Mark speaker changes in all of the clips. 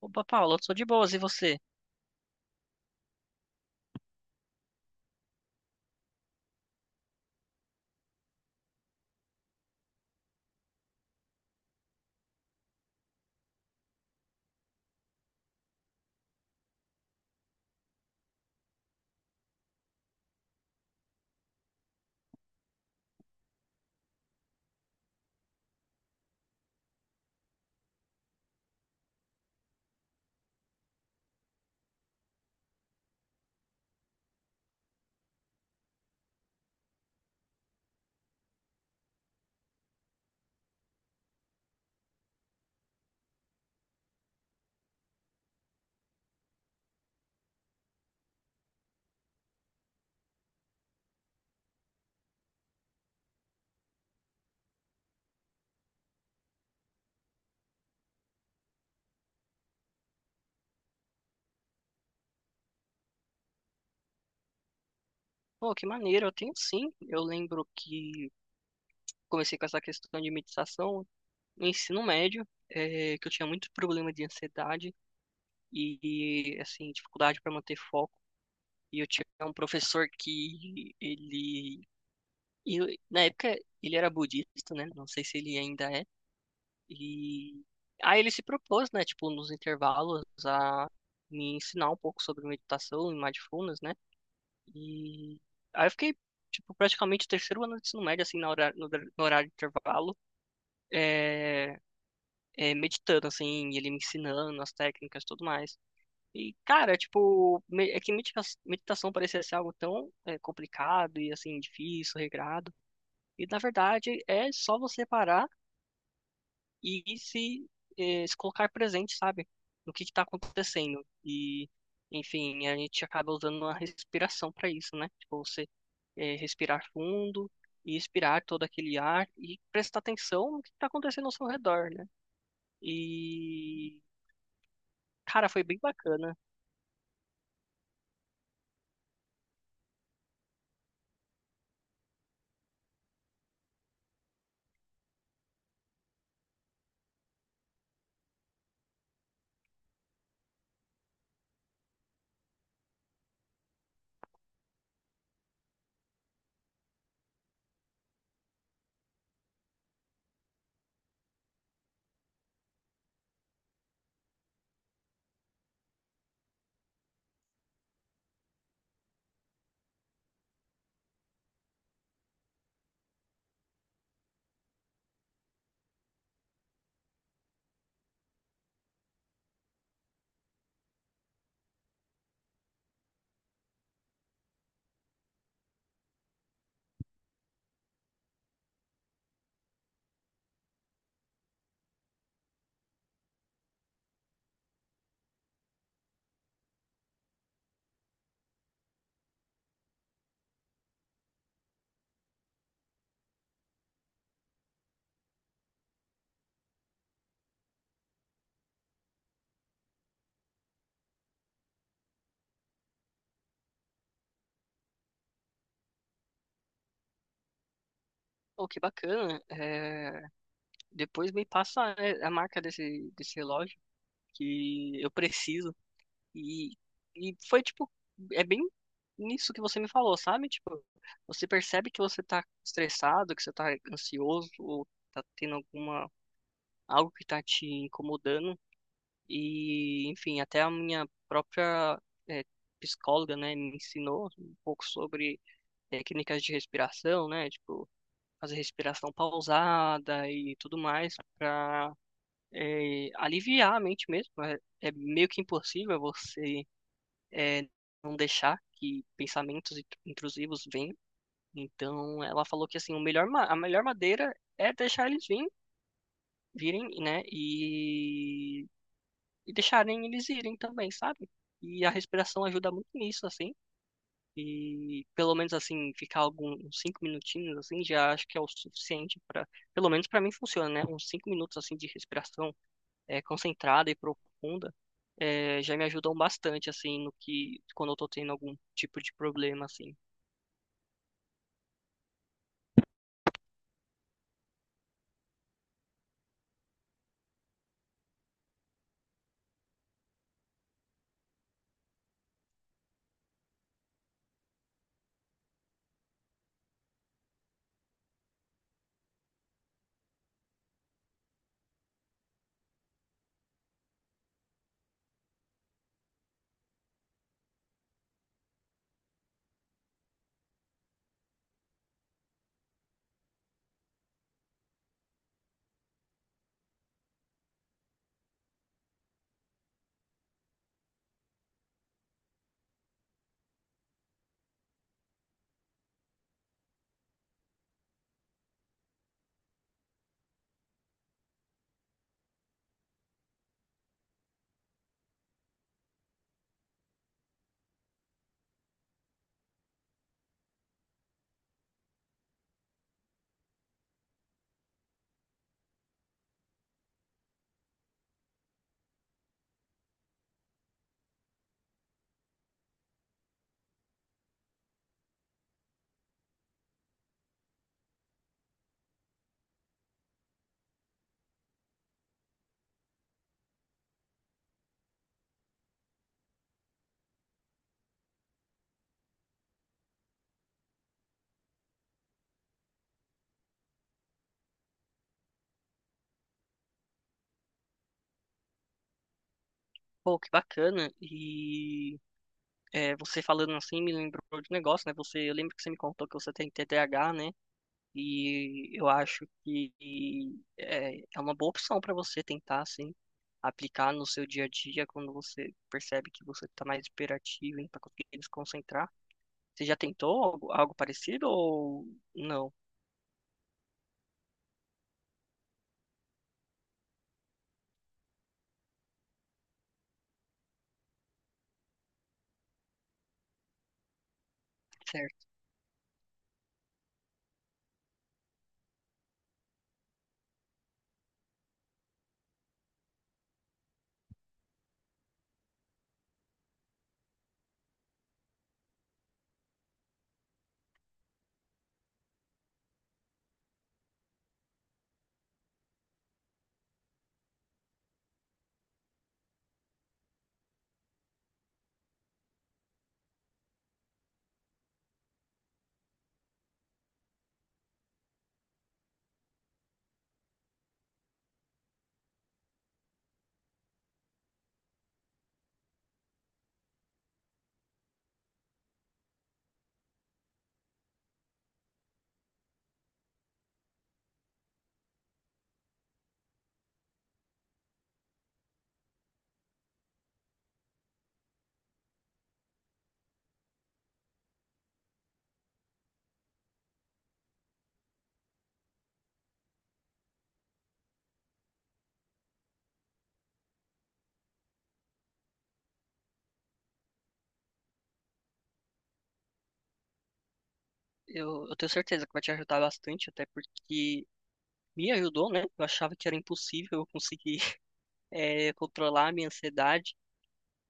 Speaker 1: Opa, Paula, eu sou de boas, e você? Pô, que maneiro, eu tenho sim. Eu lembro que comecei com essa questão de meditação no ensino médio, que eu tinha muito problema de ansiedade e, e assim, dificuldade para manter foco. E eu tinha um professor que na época, ele era budista, né? Não sei se ele ainda é. E aí ele se propôs, né, tipo, nos intervalos a me ensinar um pouco sobre meditação e mindfulness, né? E aí eu fiquei, tipo, praticamente o terceiro ano do ensino médio, assim, na hora, no horário de intervalo, é, meditando, assim, e ele me ensinando as técnicas e tudo mais. E, cara, tipo, meditação parecia ser algo tão complicado e, assim, difícil, regrado. E, na verdade, é só você parar e se colocar presente, sabe? No que está acontecendo. E, enfim, a gente acaba usando uma respiração para isso, né? Tipo, você respirar fundo e expirar todo aquele ar e prestar atenção no que está acontecendo ao seu redor, né? E, cara, foi bem bacana. Oh, que bacana. Depois me passa a marca desse relógio que eu preciso. E, e foi tipo, é bem nisso que você me falou, sabe? Tipo, você percebe que você tá estressado, que você tá ansioso, ou tá tendo algo que tá te incomodando. E, enfim, até a minha própria eh, psicóloga, né, me ensinou um pouco sobre técnicas de respiração, né? Tipo, fazer respiração pausada e tudo mais pra aliviar a mente mesmo. É, é meio que impossível você é, não deixar que pensamentos intrusivos venham. Então, ela falou que assim, a melhor madeira é deixar eles virem, virem, né? E deixarem eles irem também, sabe? E a respiração ajuda muito nisso, assim. E pelo menos assim, ficar alguns uns cinco minutinhos assim, já acho que é o suficiente para, pelo menos para mim funciona, né? Uns cinco minutos assim de respiração concentrada e profunda já me ajudam bastante, assim, no que, quando eu tô tendo algum tipo de problema, assim. Pô, que bacana. E você falando assim me lembrou de um negócio, né? Você, eu lembro que você me contou que você tem TDAH, né? E eu acho que é uma boa opção para você tentar, assim, aplicar no seu dia a dia quando você percebe que você tá mais hiperativo e não tá conseguindo se concentrar. Você já tentou algo parecido ou não? Eu tenho certeza que vai te ajudar bastante, até porque me ajudou, né? Eu achava que era impossível eu conseguir controlar a minha ansiedade.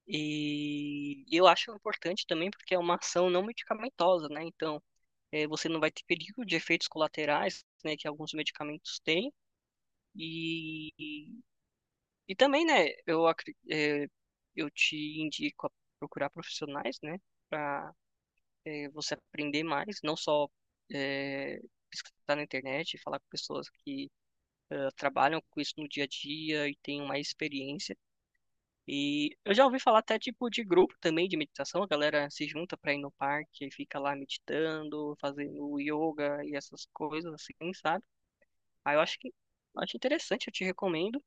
Speaker 1: E eu acho importante também porque é uma ação não medicamentosa, né? Então, você não vai ter perigo de efeitos colaterais, né, que alguns medicamentos têm. E, e, e também, né, eu te indico a procurar profissionais, né? É, você aprender mais, não só é, pesquisar na internet, falar com pessoas que trabalham com isso no dia a dia e têm mais experiência. E eu já ouvi falar até tipo de grupo também de meditação, a galera se junta para ir no parque e fica lá meditando, fazendo yoga e essas coisas assim, sabe? Aí eu acho interessante, eu te recomendo.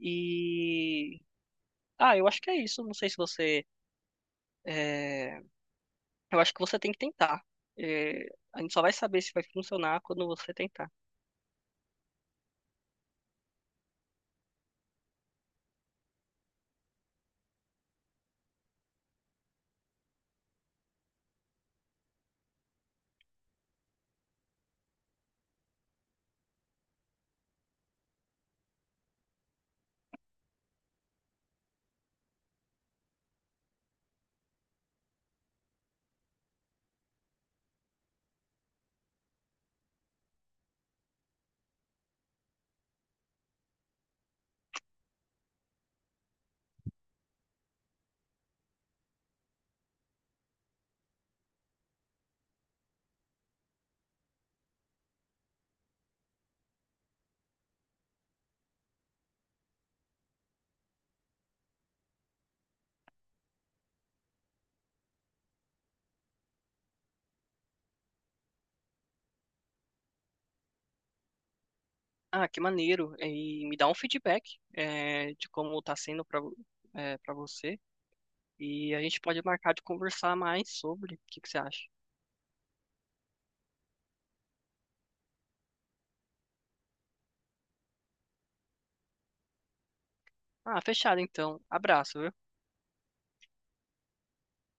Speaker 1: E eu acho que é isso. Não sei se eh, eu acho que você tem que tentar. É, a gente só vai saber se vai funcionar quando você tentar. Ah, que maneiro. E me dá um feedback, é, de como tá sendo pra você. E a gente pode marcar de conversar mais sobre. O que que você acha? Ah, fechado então. Abraço, viu?